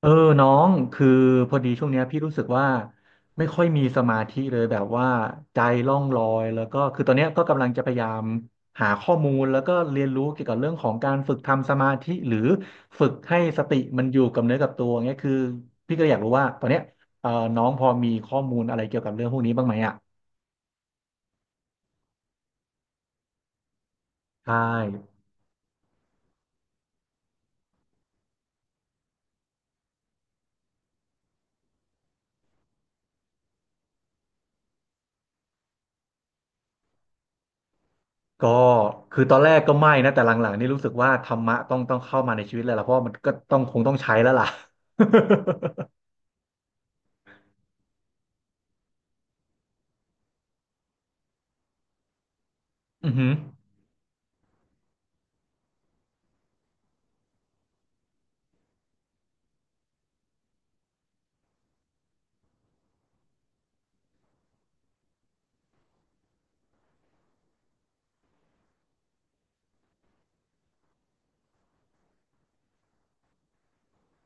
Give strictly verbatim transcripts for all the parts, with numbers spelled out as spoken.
เออน้องคือพอดีช่วงเนี้ยพี่รู้สึกว่าไม่ค่อยมีสมาธิเลยแบบว่าใจล่องลอยแล้วก็คือตอนเนี้ยก็กำลังจะพยายามหาข้อมูลแล้วก็เรียนรู้เกี่ยวกับเรื่องของการฝึกทำสมาธิหรือฝึกให้สติมันอยู่กับเนื้อกับตัวเงี้ยคือพี่ก็อยากรู้ว่าตอนเนี้ยเออน้องพอมีข้อมูลอะไรเกี่ยวกับเรื่องพวกนี้บ้างไหมอ่ะใช่ก็คือตอนแรกก็ไม่นะแต่หลังๆนี่รู้สึกว่าธรรมะต้องต้องเข้ามาในชีวิตเลยล่ะเพราะว่ามันก็ต้องคงต้องใช้แล้วล่ะ อือหือ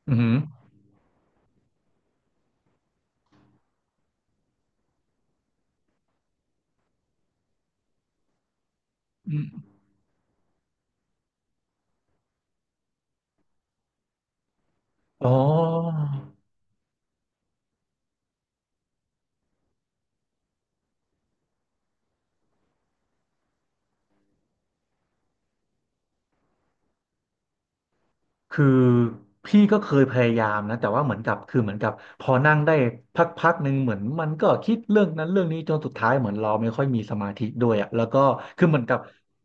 อืมอหืออืมอ๋อ คือพี่ก็เคยพยายามนะแต่ว่าเหมือนกับคือเหมือนกับพอนั่งได้พักๆหนึ่งเหมือนมันก็คิดเรื่องนั้นเรื่องนี้จนสุดท้ายเหมือนเราไม่ค่อยมีสมาธิด้วยอ่ะแล้วก็คือเหมือนกับ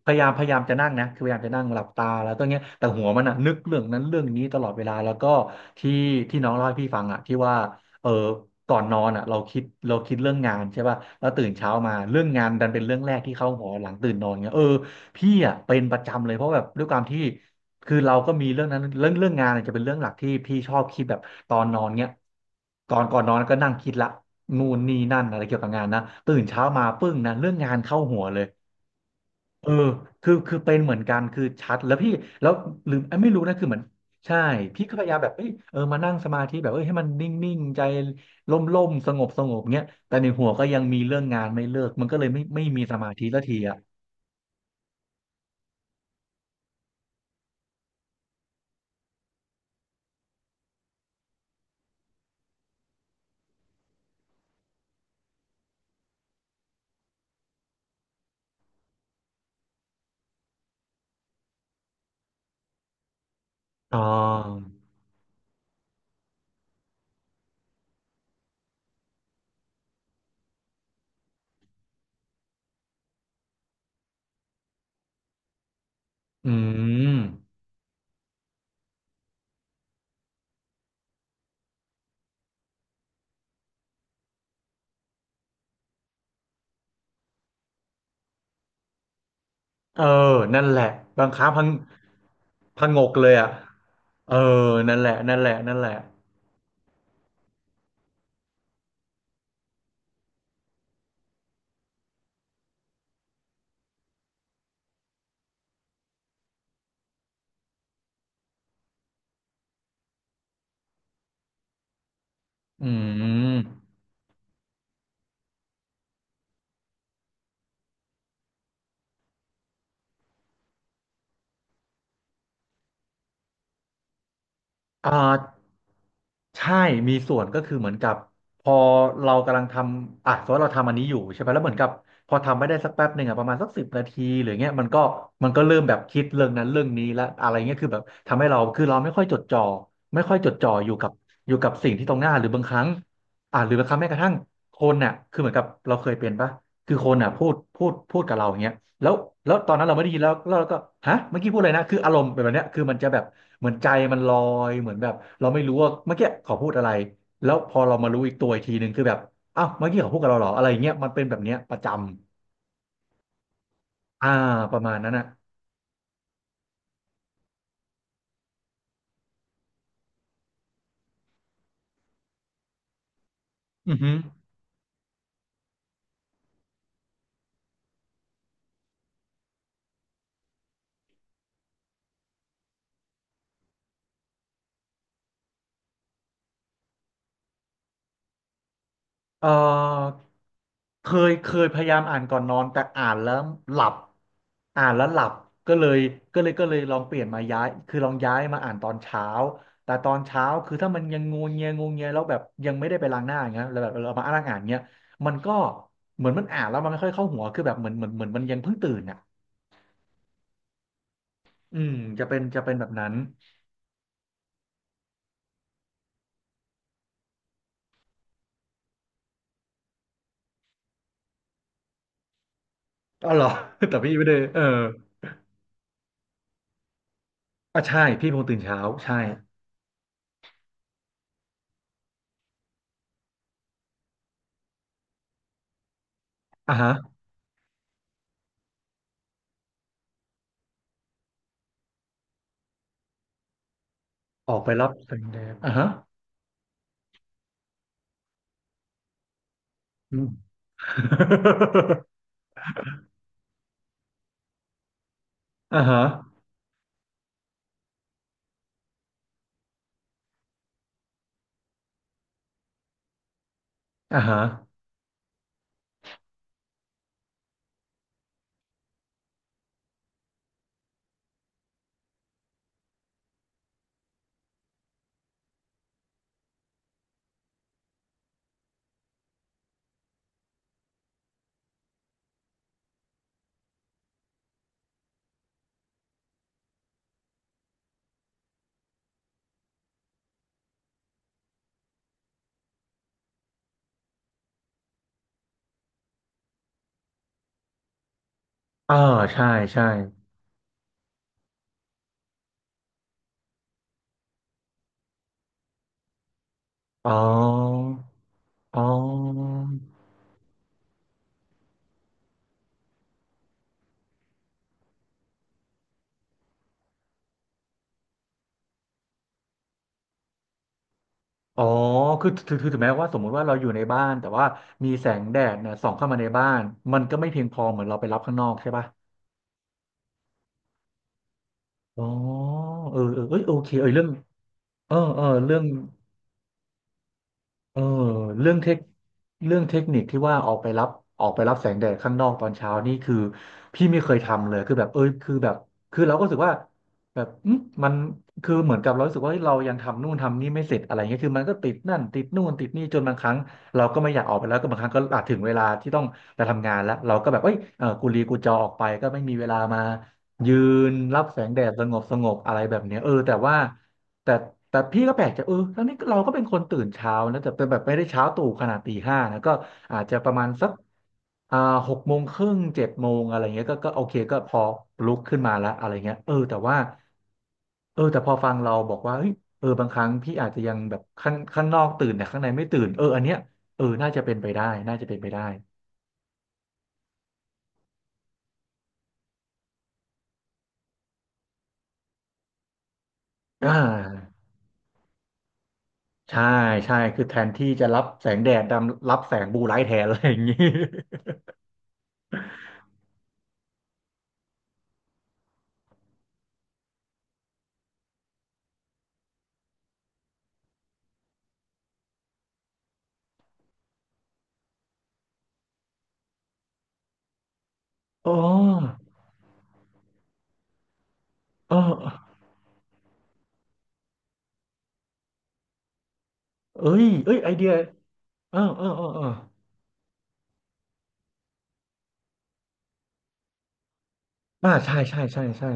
พยายามพยายามจะนั่งนะคือพยายามจะนั่งหลับตาแล้วก็เงี้ยแต่หัวมันอ่ะนึกเรื่องนั้นเรื่องนี้ตลอดเวลาแล้วก็ที่ที่น้องเล่าให้พี่ฟังอ่ะที่ว่าเออก่อนนอนอ่ะเราคิดเราคิดเรื่องงานใช่ป่ะแล้วตื่นเช้ามาเรื่องงานดันเป็นเรื่องแรกที่เข้าหัวหลังตื่นนอนเงี้ยเออพี่อ่ะเป็นประจำเลยเพราะแบบด้วยความที่ คือเราก็มีเรื่องนั้นเรื่องเรื่องงานเนี่ยจะเป็นเรื่องหลักที่พี่ชอบคิดแบบตอนนอนเนี้ยก่อนก่อนนอนก็นั่งคิดละนู่นนี่นั่นอะไรเกี่ยวกับงานนะตื่นเช้ามาปึ้งนะเรื่องงานเข้าหัวเลยเออคือคือเป็นเหมือนกันคือชัดแล้วพี่แล้วลืมเอ้ยไม่รู้นะคือเหมือนใช่พี่ก็พยายามแบบเอ้ยเออมานั่งสมาธิแบบเอ้ยให้มันนิ่งๆใจล่มๆสงบสงบเงี้ยแต่ในหัวก็ยังมีเรื่องงานไม่เลิกมันก็เลยไม่ไม่มีสมาธิสักทีอ่ะอ๋ออืมเออนั่นแหละบางครั้งพัง ผงกเลยอ่ะเออนั่นแหละนั่นแหละนั่นแหละอืมอ่าใช่มีส่วนก็คือเหมือนกับพอเรากำลังทำอ่ะสมมติเราทำอันนี้อยู่ใช่ไหมแล้วเหมือนกับพอทำไม่ได้สักแป๊บหนึ่งอ่ะประมาณสักสิบนาทีหรือเงี้ยมันก็มันก็เริ่มแบบคิดเรื่องนั้นเรื่องนี้และอะไรเงี้ยคือแบบทำให้เราคือเราไม่ค่อยจดจ่อไม่ค่อยจดจ่ออยู่กับอยู่กับสิ่งที่ตรงหน้าหรือบางครั้งอ่ะหรือบางครั้งแม้กระทั่งคนน่ะคือเหมือนกับเราเคยเป็นปะคือคนน่ะพูดพูดพูดกับเราอย่างเงี้ย แล้วแล้วตอนนั้นเราไม่ได้ยินแล้วแล้วเราก็ฮะเมื่อกี้พูดอะไรนะคืออารมณ์เป็นแบบเนี้ยคือมันจะแบบเหมือนใจมันลอย เหมือนแบบเราไม่รู้ว่าเมื่อกี้เขาพูดอะไร แล้วพอเรามารู้อีกตัวอีกทีหนึ่งคือแบบอ้าวเมื่อกี้เขาพูดกับเราเหรออะไรอย่างเงี้ยมันเป็นแบบเนี้ยประจำ อ่าประมาณนั้นน่ะอือฮึ เออเคยเคยพยายามอ่านก่อนนอนแต่อ่านแล้วหลับอ่านแล้วหลับก็เลยก็เลยก็เลยลองเปลี่ยนมาย้ายคือลองย้ายมาอ่านตอนเช้าแต่ตอนเช้าคือถ้ามันยังงวงเงียงวงเงียแล้วแบบยังไม่ได้ไปล้างหน้าอย่างเงี้ยแล้วแบบเรามาอ่านอ่านเงี้ยมันก็เหมือนมันอ่านแล้วมันไม่ค่อยเข้าหัวคือแบบเหมือนเหมือนเหมือนมันยังเพิ่งตื่นอ่ะอืมจะเป็นจะเป็นแบบนั้นอ๋อเหรอ แต่พี่ไม่ได้เอออ่ะใช่พี่เป็นคนตื่นเช้าใช่อ่ะฮะออกไปรับแสงแดดอ่ะฮะ อ่าฮะอ่าฮะอ่าใช่ใช่อ๋ออ๋ออ๋อคือคือคือถึงแม้ว่าสมมุติว่าเราอยู่ในบ้าน แต่ว่ามีแสงแดดเนี่ยส่องเข้ามาในบ้าน มันก็ไม่เพียงพอเหมือนเราไปรับข้างนอกใช่ป่ะอ๋อเออเออเอ้ยโอเคเออเรื่องเออเออเรื่อง เออเรื่องเทคเรื่องเทคนิคที่ว่าออกไปรับออกไปรับแสงแดดข้างนอกตอนเช้านี่คือพี่ไม่เคยทำเลยคือแบบเอยคือแบบคือเราก็รู้สึกว่าแบบอืมมันคือเหมือนกับเรารู้สึกว่าเฮ้ยเรายังทำนู่นทำนี่ไม่เสร็จอะไรเงี้ยคือมันก็ติดนั่นติดนู่นติดนี่จนบางครั้งเราก็ไม่อยากออกไปแล้วก็บางครั้งก็อาจถึงเวลาที่ต้องไปทำงานแล้วเราก็แบบเอ้ยเออกูลีกูจอออกไปก็ไม่มีเวลามายืนรับแสงแดดสงบสงบอะไรแบบเนี้ยเออแต่ว่า แต่แต่พี่ก็แปลกใจเออทั้งนี้เราก็เป็นคนตื่นเช้านะแต่เป็นแบบไม่ได้เช้าตู่ขนาดตีห้านะก็อาจจะประมาณสักอ่าหกโมงครึ่งเจ็ดโมงอะไรเงี้ยก็ก็โอเคก็พอลุกขึ้นมาแล้วอะไรเงี้ยเออแต่ว่าเออแต่พอฟังเราบอกว่าเฮ้ยเออบางครั้งพี่อาจจะยังแบบข้างข้างนอกตื่นแต่ข้างในไม่ตื่นเอออันเนี้ยเออน่าจะเป็นไปได้น่าจะเป็นไปได้อ่าใช่ใช่คือแทนที่จะรับแสงแดดดำรับแสงบลูไลท์แทนอะไรอย่างงี้ อ๋อเออ เอ้ยเอ้ยไอเดียเออเออเออเอออ่าใช่ใช่ใช่ใช่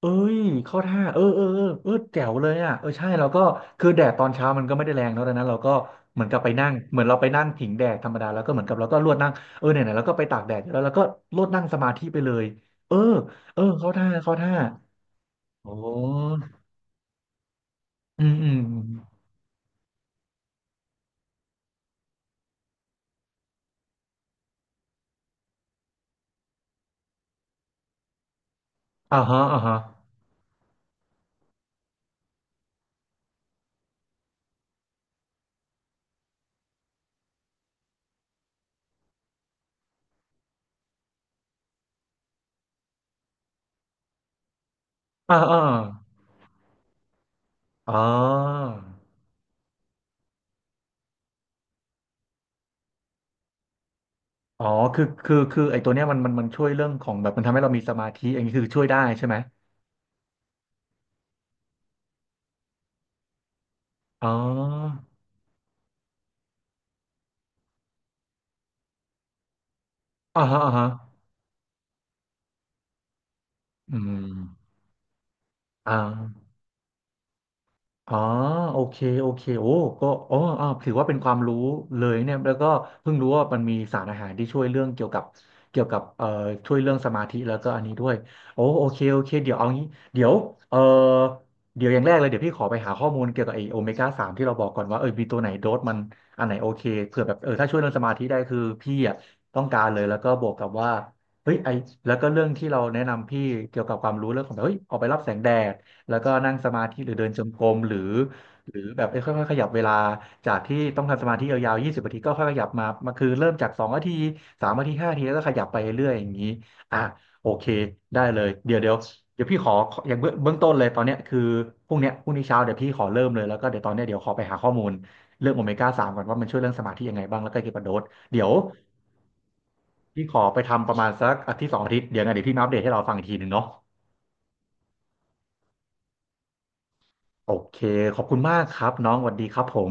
เอ้ยเข้าท่าเออเออเออเออแจ๋วเลยอ่ะเออใช่เราก็คือแดดตอนเช้ามันก็ไม่ได้แรงเนอะดังนั้นเราก็เหมือนกับไปนั่งเหมือนเราไปนั่งผิงแดดธรรมดา แล้วก็เหมือนกับเราก็ลวดนั่งเออไหนไเราก็ไปตากแดดอยู่แล้วเราก็ลวดนั่งสมาธิไปเลยเออเออเข้าท่าเข้าท่าโอ้อืมอืมอมอ่าฮะอ่าฮะอ่าอ่าอ๋อ อ๋อคือคือคือไอ้ตัวเนี้ยมันมันมันช่วยเรื่องของแบบมันทำให้เรามีสมาธิอย่างนี้คือช่วยได้ใช่ไหมอ๋ออ่าฮะอ่าฮะอืมอ่า อ๋อโอเคโอเคโอ้ก็อ๋ออ่าถือว่าเป็นความรู้เลยเนี่ยแล้วก็เพิ่งรู้ว่ามันมีสารอาหารที่ช่วยเรื่องเกี่ยวกับเกี่ยวกับเอ่อช่วยเรื่องสมาธิแล้วก็อันนี้ด้วยโอ้โอเคโอเคเดี๋ยวเอางี้เดี๋ยวเอ่อเดี๋ยวอย่างแรกเลยเดี๋ยวพี่ขอไปหาข้อมูลเกี่ยวกับไอโอเมก้าสามที่เราบอกก่อนว่าเออมีตัวไหนโดสมันอันไหนโอเคเผื่อแบบเออถ้าช่วยเรื่องสมาธิได้คือพี่อ่ะต้องการเลยแล้วก็บวกกับว่าเฮ้ยไอแล้วก็เรื่องที่เราแนะนำพี่เกี่ยวกับความรู้เรื่องของแบบเฮ้ยออกไปรับแสงแดด แล้วก็นั่งสมาธิหรือเดินจงกรมหรือหรือแบบเอ้ยค่อยๆขยับเวลาจากที่ต้องทำสมาธิยาวๆยี่สิบนาทีก็ค่อยขยับมามาคือเริ่มจากสองนาทีสามนาทีห้านาทีแล้วก็ขยับไปเรื่อยๆอย่างนี้อ่ะโอเคได้เลยเดี๋ยวเดี๋ยวเดี๋ยวพี่ขออย่างเบื้องเบื้องต้นเลยตอนเนี้ยคือพรุ่งเนี้ยพรุ่งนี้เช้าเดี๋ยวพี่ขอเริ่มเลยแล้วก็เดี๋ยวตอนเนี้ยเดี๋ยวขอไปหาข้อมูลเรื่องโอเมก้าสามก่อนว่ามันช่วยเรื่องสมาธิยังไงบ้างแล้วก็เกี่ยวกับโดสเดี๋ยวพี่ขอไปทำประมาณสักอาทิตย์สองอาทิตย์เดี๋ยวไงเดี๋ยวพี่มาอัปเดตให้เราฟังอีกทีหนึ่งเนาะโอเคขอบคุณมากครับน้องสวัสดีครับผม